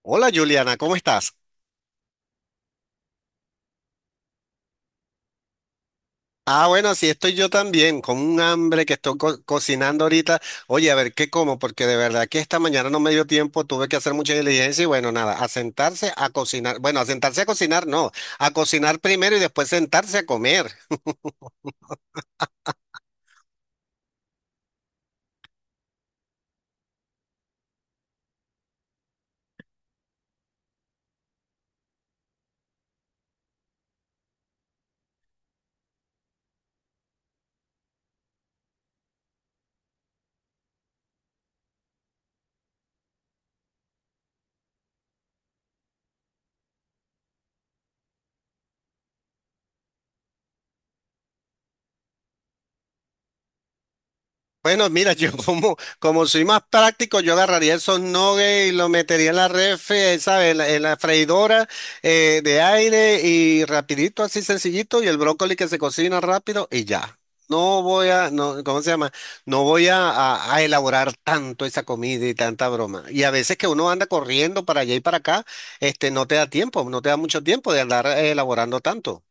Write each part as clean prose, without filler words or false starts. Hola Juliana, ¿cómo estás? Ah, bueno, sí estoy yo también, con un hambre que estoy cocinando ahorita. Oye, a ver, ¿qué como? Porque de verdad que esta mañana no me dio tiempo, tuve que hacer mucha diligencia y bueno, nada, a sentarse a cocinar. Bueno, a sentarse a cocinar, no, a cocinar primero y después sentarse a comer. Bueno, mira, yo como, como soy más práctico, yo agarraría esos nuggets y lo metería en la refri, ¿sabes? En la freidora de aire y rapidito, así sencillito, y el brócoli que se cocina rápido y ya. No voy a, no, ¿cómo se llama? No voy a, a elaborar tanto esa comida y tanta broma. Y a veces que uno anda corriendo para allá y para acá, no te da tiempo, no te da mucho tiempo de andar elaborando tanto.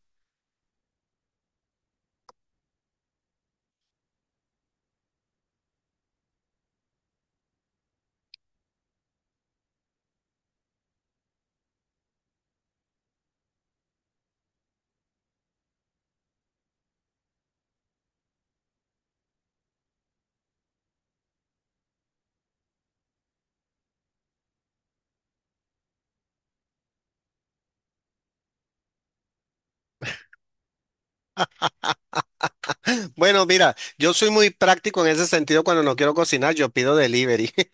Bueno, mira, yo soy muy práctico en ese sentido cuando no quiero cocinar, yo pido delivery.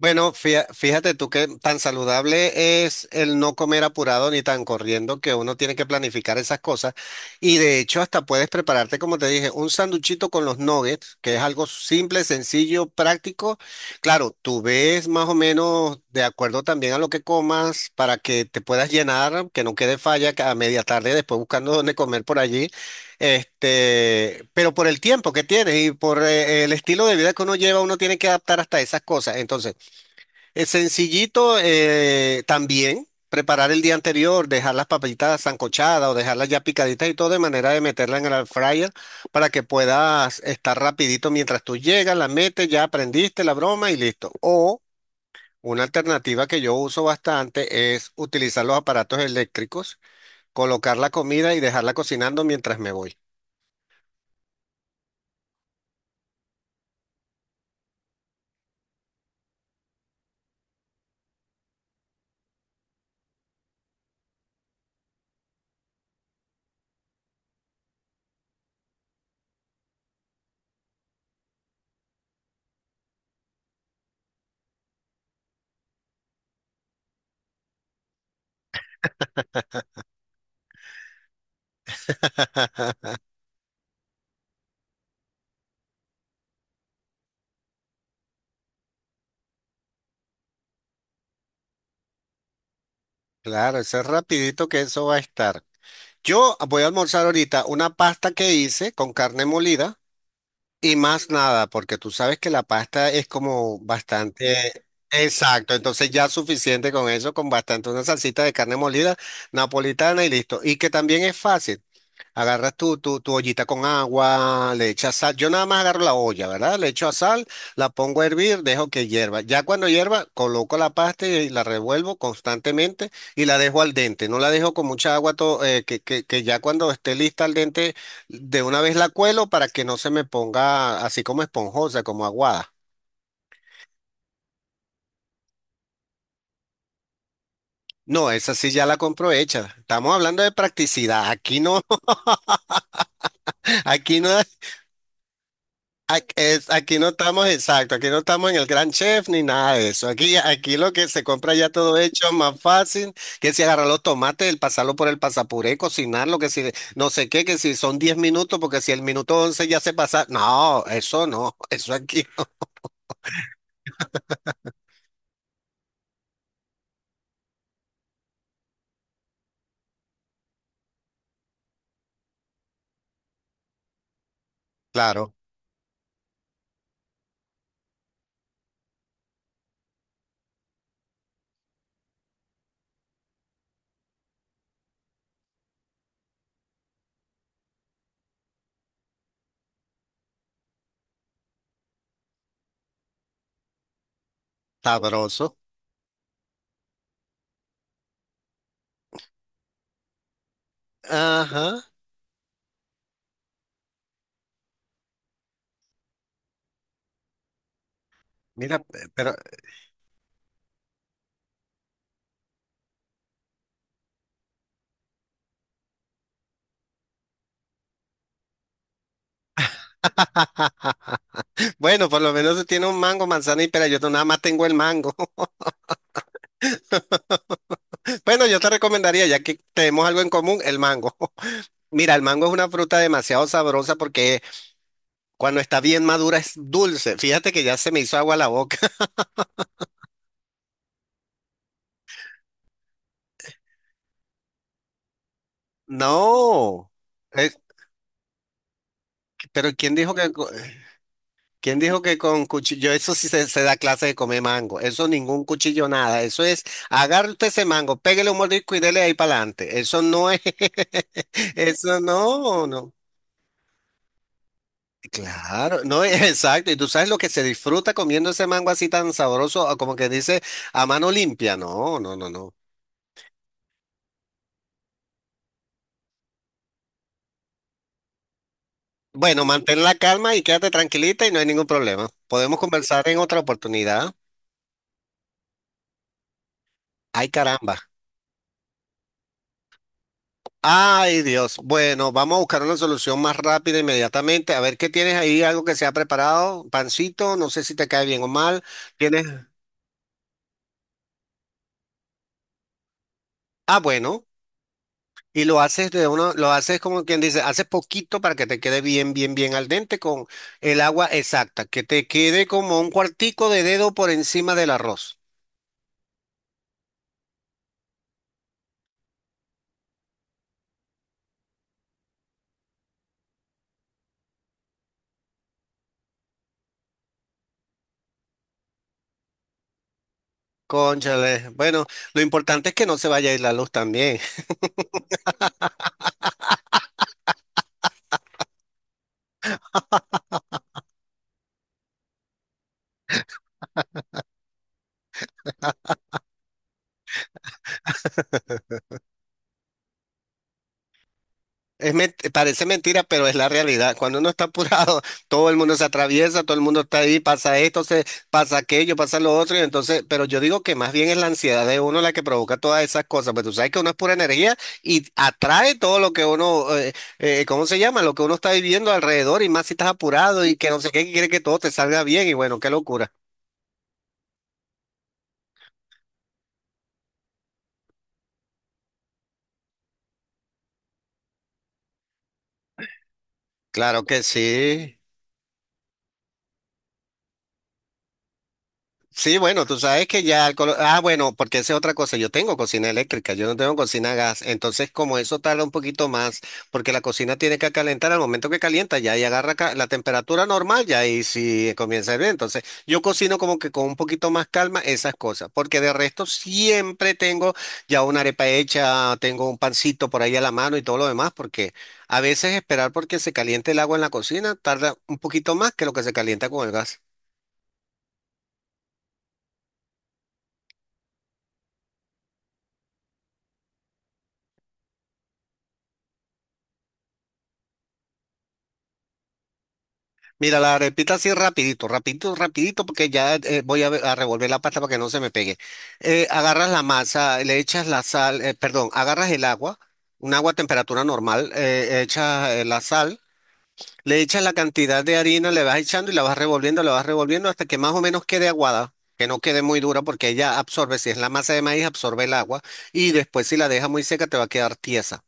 Bueno, fíjate tú que tan saludable es el no comer apurado ni tan corriendo que uno tiene que planificar esas cosas. Y de hecho hasta puedes prepararte, como te dije, un sanduchito con los nuggets, que es algo simple, sencillo, práctico. Claro, tú ves más o menos de acuerdo también a lo que comas para que te puedas llenar, que no quede falla que a media tarde después buscando dónde comer por allí. Pero por el tiempo que tienes y por el estilo de vida que uno lleva, uno tiene que adaptar hasta esas cosas. Entonces, es sencillito también preparar el día anterior, dejar las papitas sancochadas o dejarlas ya picaditas y todo de manera de meterla en el air fryer para que puedas estar rapidito mientras tú llegas, la metes, ya aprendiste la broma y listo. O una alternativa que yo uso bastante es utilizar los aparatos eléctricos, colocar la comida y dejarla cocinando mientras me voy. Claro, eso es rapidito que eso va a estar. Yo voy a almorzar ahorita una pasta que hice con carne molida. Y más nada, porque tú sabes que la pasta es como bastante... Exacto, entonces ya suficiente con eso, con bastante una salsita de carne molida napolitana y listo. Y que también es fácil. Agarras tu ollita con agua, le echas sal. Yo nada más agarro la olla, ¿verdad? Le echo a sal, la pongo a hervir, dejo que hierva. Ya cuando hierva, coloco la pasta y la revuelvo constantemente y la dejo al dente. No la dejo con mucha agua, que ya cuando esté lista al dente de una vez la cuelo para que no se me ponga así como esponjosa, como aguada. No, esa sí ya la compro hecha. Estamos hablando de practicidad. Aquí no, aquí no, aquí no estamos, exacto. Aquí no estamos en el gran chef ni nada de eso. Aquí lo que se compra ya todo hecho, más fácil, que si agarrar los tomates, el pasarlo por el pasapuré, cocinarlo, que si no sé qué, que si son 10 minutos, porque si el minuto 11 ya se pasa. No, eso no, eso aquí. Claro, sabroso. Ajá. Mira, pero bueno, por lo menos tiene un mango, manzana y pera. Yo nada más tengo el mango. Bueno, yo te recomendaría, ya que tenemos algo en común, el mango. Mira, el mango es una fruta demasiado sabrosa porque cuando está bien madura es dulce. Fíjate que ya se me hizo agua la boca. No. Es- pero ¿quién dijo que, quién dijo que con cuchillo? Eso sí se da clase de comer mango. Eso ningún cuchillo, nada. Eso es, agarre usted ese mango, pégale un mordisco y dele ahí para adelante. Eso no es, eso no, no. Claro, no, exacto. Y tú sabes lo que se disfruta comiendo ese mango así tan sabroso, o como que dice a mano limpia. No, no, no, no. Bueno, mantén la calma y quédate tranquilita y no hay ningún problema. Podemos conversar en otra oportunidad. Ay, caramba. Ay, Dios. Bueno, vamos a buscar una solución más rápida inmediatamente. A ver qué tienes ahí, algo que se ha preparado. Pancito, no sé si te cae bien o mal. ¿Tienes? Ah, bueno. Y lo haces de uno, lo haces como quien dice, haces poquito para que te quede bien, bien, bien al dente con el agua exacta, que te quede como un cuartico de dedo por encima del arroz. Cónchale, bueno, lo importante es que no se vaya a ir la luz también. Es parece mentira, pero es la realidad. Cuando uno está apurado, todo el mundo se atraviesa, todo el mundo está ahí, pasa esto, pasa aquello, pasa lo otro, y entonces, pero yo digo que más bien es la ansiedad de uno la que provoca todas esas cosas, pues tú sabes que uno es pura energía y atrae todo lo que uno, ¿cómo se llama? Lo que uno está viviendo alrededor y más si estás apurado y que no sé qué, que quiere que todo te salga bien y bueno, qué locura. Claro que sí. Sí, bueno, tú sabes que ya el ah, bueno, porque esa es otra cosa. Yo tengo cocina eléctrica, yo no tengo cocina a gas. Entonces, como eso tarda un poquito más, porque la cocina tiene que calentar, al momento que calienta ya ahí agarra la temperatura normal, ya ahí sí comienza a hervir. Entonces, yo cocino como que con un poquito más calma esas cosas, porque de resto siempre tengo ya una arepa hecha, tengo un pancito por ahí a la mano y todo lo demás, porque a veces esperar porque se caliente el agua en la cocina tarda un poquito más que lo que se calienta con el gas. Mira, la repito así rapidito, rapidito, rapidito, porque ya voy a revolver la pasta para que no se me pegue. Agarras la masa, le echas la sal, perdón, agarras el agua, un agua a temperatura normal, echas la sal, le echas la cantidad de harina, le vas echando y la vas revolviendo hasta que más o menos quede aguada, que no quede muy dura porque ella absorbe, si es la masa de maíz, absorbe el agua y después si la deja muy seca te va a quedar tiesa.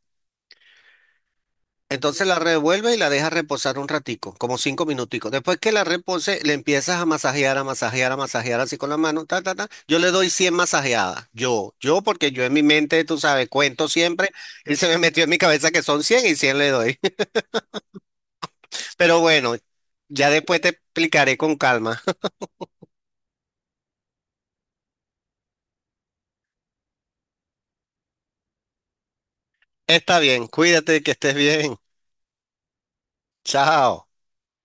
Entonces la revuelve y la deja reposar un ratico, como 5 minuticos. Después que la repose, le empiezas a masajear, a masajear, a masajear así con la mano, ta, ta, ta. Yo le doy 100 masajeadas. Porque yo en mi mente, tú sabes, cuento siempre y se me metió en mi cabeza que son 100 y 100 le doy. Pero bueno, ya después te explicaré con calma. Está bien, cuídate, que estés bien. Chao.